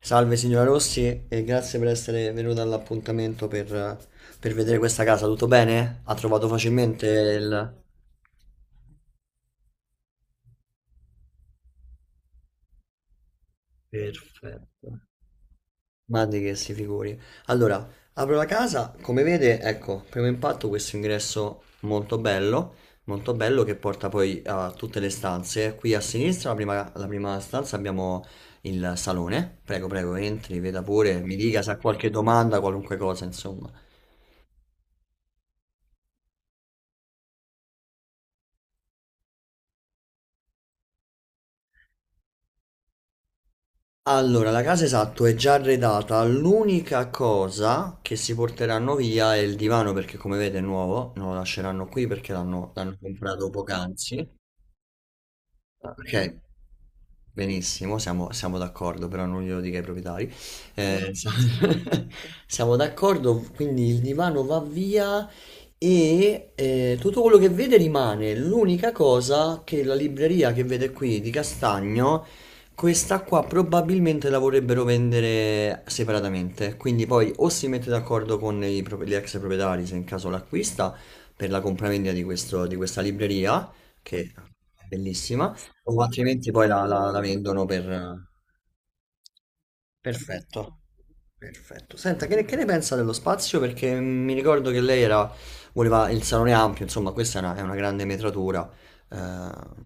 Salve signora Rossi e grazie per essere venuta all'appuntamento per vedere questa casa. Tutto bene? Ha trovato facilmente il... Perfetto. Ma di che si figuri. Allora, apro la casa, come vede, ecco, primo impatto questo ingresso molto bello che porta poi a tutte le stanze. Qui a sinistra, la prima stanza, abbiamo il salone. Prego, prego, entri, veda pure, mi dica se ha qualche domanda, qualunque cosa, insomma. Allora, la casa esatto è già arredata, l'unica cosa che si porteranno via è il divano perché come vede è nuovo, non lo lasceranno qui perché l'hanno comprato poc'anzi. Ok, benissimo, siamo d'accordo, però non glielo dica ai proprietari. No. Siamo d'accordo, quindi il divano va via e tutto quello che vede rimane. L'unica cosa che la libreria che vede qui di Castagno, questa qua probabilmente la vorrebbero vendere separatamente. Quindi poi o si mette d'accordo con gli ex proprietari, se in caso l'acquista, per la compravendita di di questa libreria, che è bellissima, o altrimenti poi la vendono per... Perfetto. Perfetto. Senta, che ne pensa dello spazio? Perché mi ricordo che lei voleva il salone ampio, insomma, questa è una grande metratura. Eh,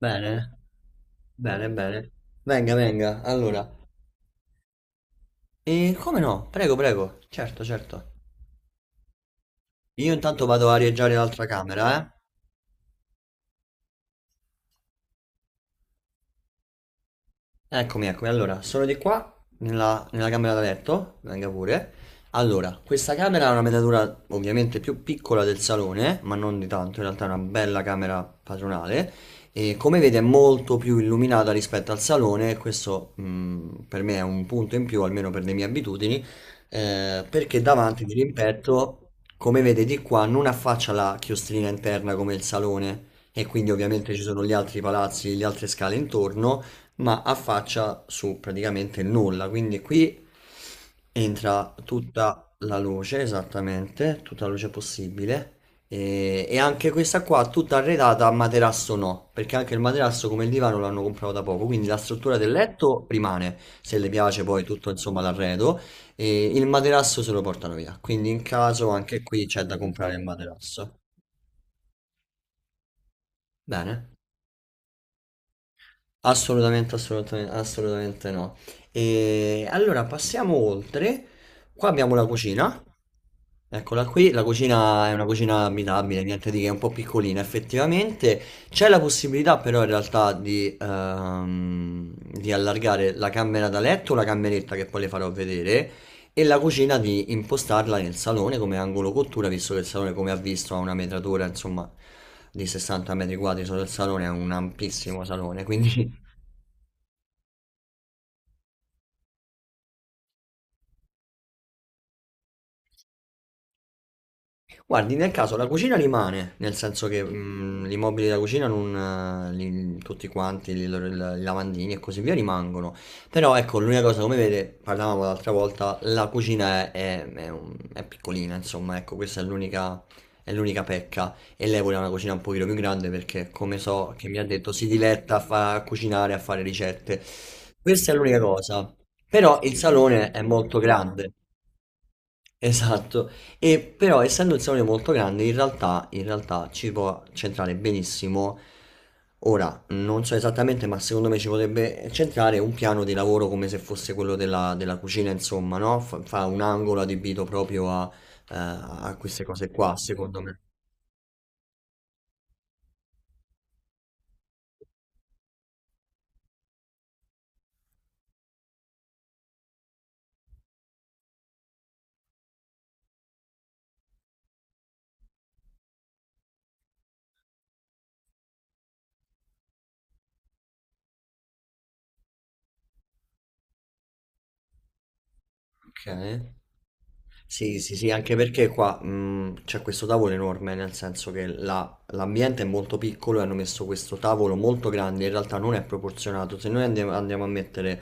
Bene, bene, bene. Venga, venga. Allora, e come no? Prego, prego. Certo, certo. Io intanto vado a arieggiare l'altra camera, eh? Eccomi, eccomi. Allora, sono di qua, nella camera da letto, venga pure. Allora, questa camera ha una metratura ovviamente più piccola del salone, ma non di tanto, in realtà è una bella camera padronale. E come vede è molto più illuminata rispetto al salone, e questo per me è un punto in più, almeno per le mie abitudini, perché davanti di rimpetto, come vede di qua, non affaccia la chiostrina interna come il salone, e quindi ovviamente ci sono gli altri palazzi, le altre scale intorno, ma affaccia su praticamente il nulla. Quindi qui entra tutta la luce, esattamente, tutta la luce possibile. E anche questa qua tutta arredata a materasso, no, perché anche il materasso come il divano l'hanno comprato da poco, quindi la struttura del letto rimane, se le piace poi tutto insomma l'arredo, e il materasso se lo portano via, quindi in caso anche qui c'è da comprare il materasso. Bene. Assolutamente, assolutamente, assolutamente no. E allora passiamo oltre. Qua abbiamo la cucina. Eccola qui, la cucina è una cucina abitabile, niente di che, è un po' piccolina effettivamente. C'è la possibilità però in realtà di allargare la camera da letto, la cameretta che poi le farò vedere, e la cucina di impostarla nel salone come angolo cottura, visto che il salone, come ha visto, ha una metratura, insomma, di 60 metri quadri solo il salone, è un ampissimo salone, quindi. Guardi, nel caso la cucina rimane, nel senso che gli immobili da cucina, non, tutti quanti, i lavandini e così via rimangono. Però ecco, l'unica cosa, come vede, parlavamo l'altra volta, la cucina è piccolina, insomma, ecco, questa è l'unica pecca. E lei voleva una cucina un pochino più grande perché, come so che mi ha detto, si diletta a cucinare, a fare ricette. Questa è l'unica cosa. Però il salone è molto grande. Esatto, e però essendo il salone molto grande in realtà ci può centrare benissimo, ora non so esattamente, ma secondo me ci potrebbe centrare un piano di lavoro come se fosse quello della cucina insomma, no? Fa un angolo adibito proprio a queste cose qua secondo me. Ok. Sì, sì, sì, anche perché qua c'è questo tavolo enorme, nel senso che l'ambiente è molto piccolo e hanno messo questo tavolo molto grande, in realtà non è proporzionato. Se noi andiamo a mettere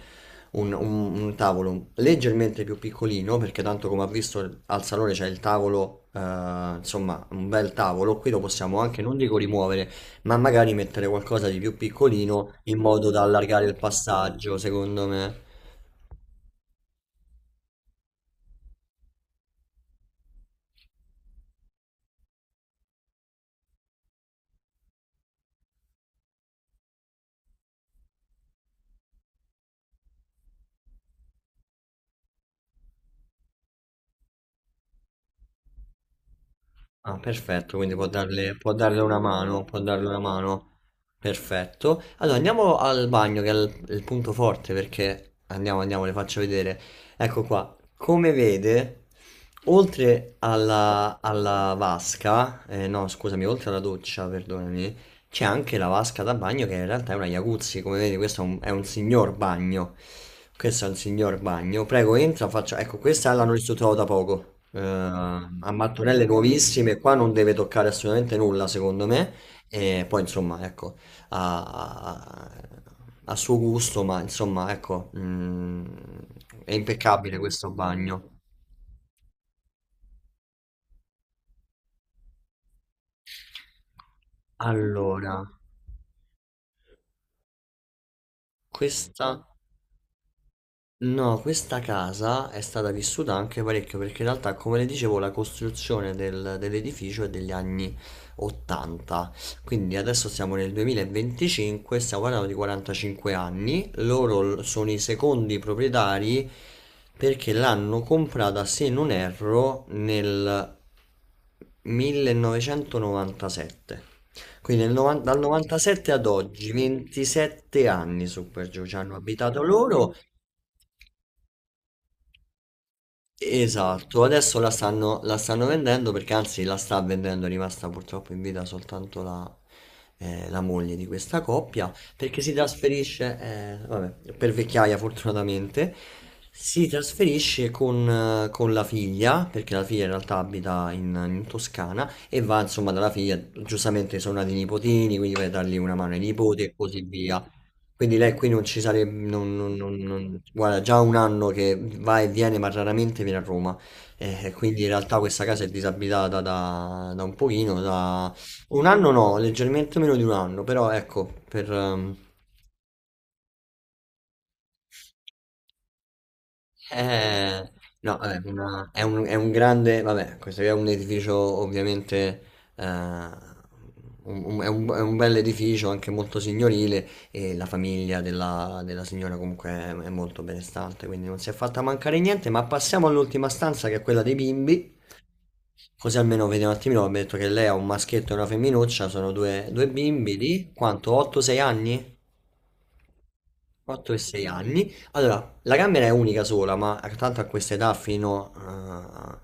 un tavolo leggermente più piccolino, perché tanto come ha visto al salone c'è il tavolo, insomma, un bel tavolo, qui lo possiamo anche, non dico rimuovere, ma magari mettere qualcosa di più piccolino in modo da allargare il passaggio, secondo me. Ah, perfetto, quindi può darle una mano, può darle una mano. Perfetto. Allora andiamo al bagno, che è il punto forte, perché andiamo, andiamo, le faccio vedere. Ecco qua, come vede, oltre alla vasca, no, scusami, oltre alla doccia, perdonami, c'è anche la vasca da bagno che in realtà è una jacuzzi, come vedi questo è un signor bagno. Questo è un signor bagno. Prego, entra, faccia... Ecco, questa l'hanno ristrutturata da poco. A mattonelle nuovissime, qua non deve toccare assolutamente nulla, secondo me. E poi, insomma, ecco, a, a- a suo gusto, ma insomma, ecco, è impeccabile questo bagno. Allora, questa... No, questa casa è stata vissuta anche parecchio perché in realtà, come le dicevo, la costruzione dell'edificio è degli anni 80, quindi adesso siamo nel 2025, stiamo parlando di 45 anni, loro sono i secondi proprietari perché l'hanno comprata, se non erro, nel 1997. Quindi dal 97 ad oggi, 27 anni su per giù ci hanno abitato loro. Esatto, adesso la stanno vendendo, perché anzi la sta vendendo, è rimasta purtroppo in vita soltanto la moglie di questa coppia perché si trasferisce, vabbè, per vecchiaia fortunatamente, si trasferisce con la figlia perché la figlia in realtà abita in Toscana, e va insomma dalla figlia, giustamente sono nati i nipotini, quindi vai a dargli una mano ai nipoti e così via. Quindi lei qui non ci sarebbe, guarda, già un anno che va e viene, ma raramente viene a Roma. Quindi in realtà questa casa è disabitata da un pochino, da un anno, no, leggermente meno di un anno, però ecco, eh, no, vabbè, è un grande, vabbè, questo è un edificio ovviamente, eh, è un bel edificio, anche molto signorile, e la famiglia della signora comunque è molto benestante, quindi non si è fatta mancare niente, ma passiamo all'ultima stanza che è quella dei bimbi, così almeno vediamo un attimino, abbiamo detto che lei ha un maschietto e una femminuccia, sono due bimbi di quanto? 8-6 anni? 4 e 6 anni. Allora, la camera è unica sola, ma tanto a questa età fino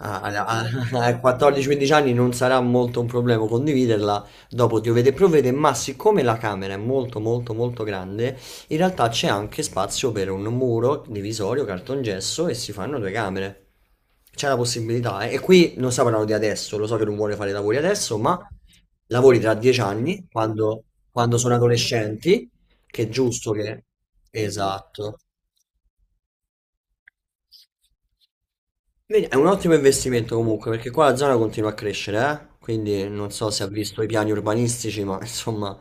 a- a- a- ai 14-15 anni non sarà molto un problema condividerla. Dopo diovete e provvede, ma siccome la camera è molto molto molto grande, in realtà c'è anche spazio per un muro divisorio, cartongesso, e si fanno due camere. C'è la possibilità, eh. E qui non stiamo parlando di adesso, lo so che non vuole fare i lavori adesso, ma lavori tra 10 anni, quando quando sono adolescenti, che è giusto che... Esatto. Quindi è un ottimo investimento comunque, perché qua la zona continua a crescere, eh? Quindi non so se ha visto i piani urbanistici, ma insomma,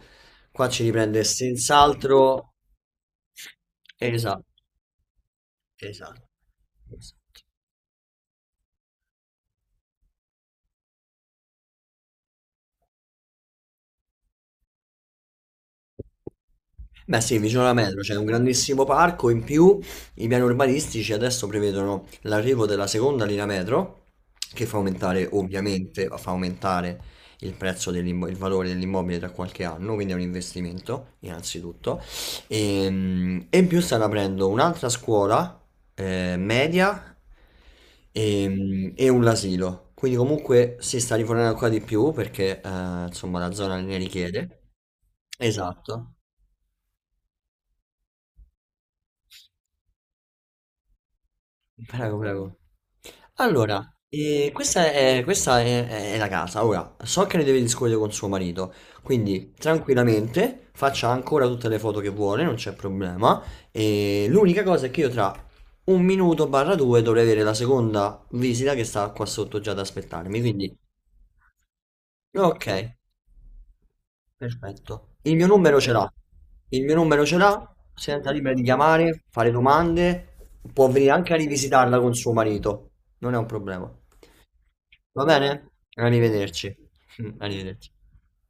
qua ci riprende senz'altro. Esatto, esatto. Esatto. Beh sì, vicino alla metro c'è un grandissimo parco, in più i piani urbanistici adesso prevedono l'arrivo della seconda linea metro, che fa aumentare ovviamente, fa aumentare il prezzo il valore dell'immobile tra qualche anno, quindi è un investimento innanzitutto. E, in più stanno aprendo un'altra scuola media, e un asilo, quindi comunque si sta rifornendo ancora di più perché insomma la zona ne richiede. Esatto. Prego, prego. Allora, questa è la casa. Ora, so che ne deve discutere con suo marito, quindi tranquillamente faccia ancora tutte le foto che vuole, non c'è problema. E l'unica cosa è che io tra un minuto barra due dovrei avere la seconda visita che sta qua sotto già ad aspettarmi, quindi, ok. Perfetto. Il mio numero ce l'ha. Il mio numero ce l'ha. Si senta libera di chiamare, fare domande. Può venire anche a rivisitarla con suo marito. Non è un problema. Va bene? Arrivederci. Arrivederci.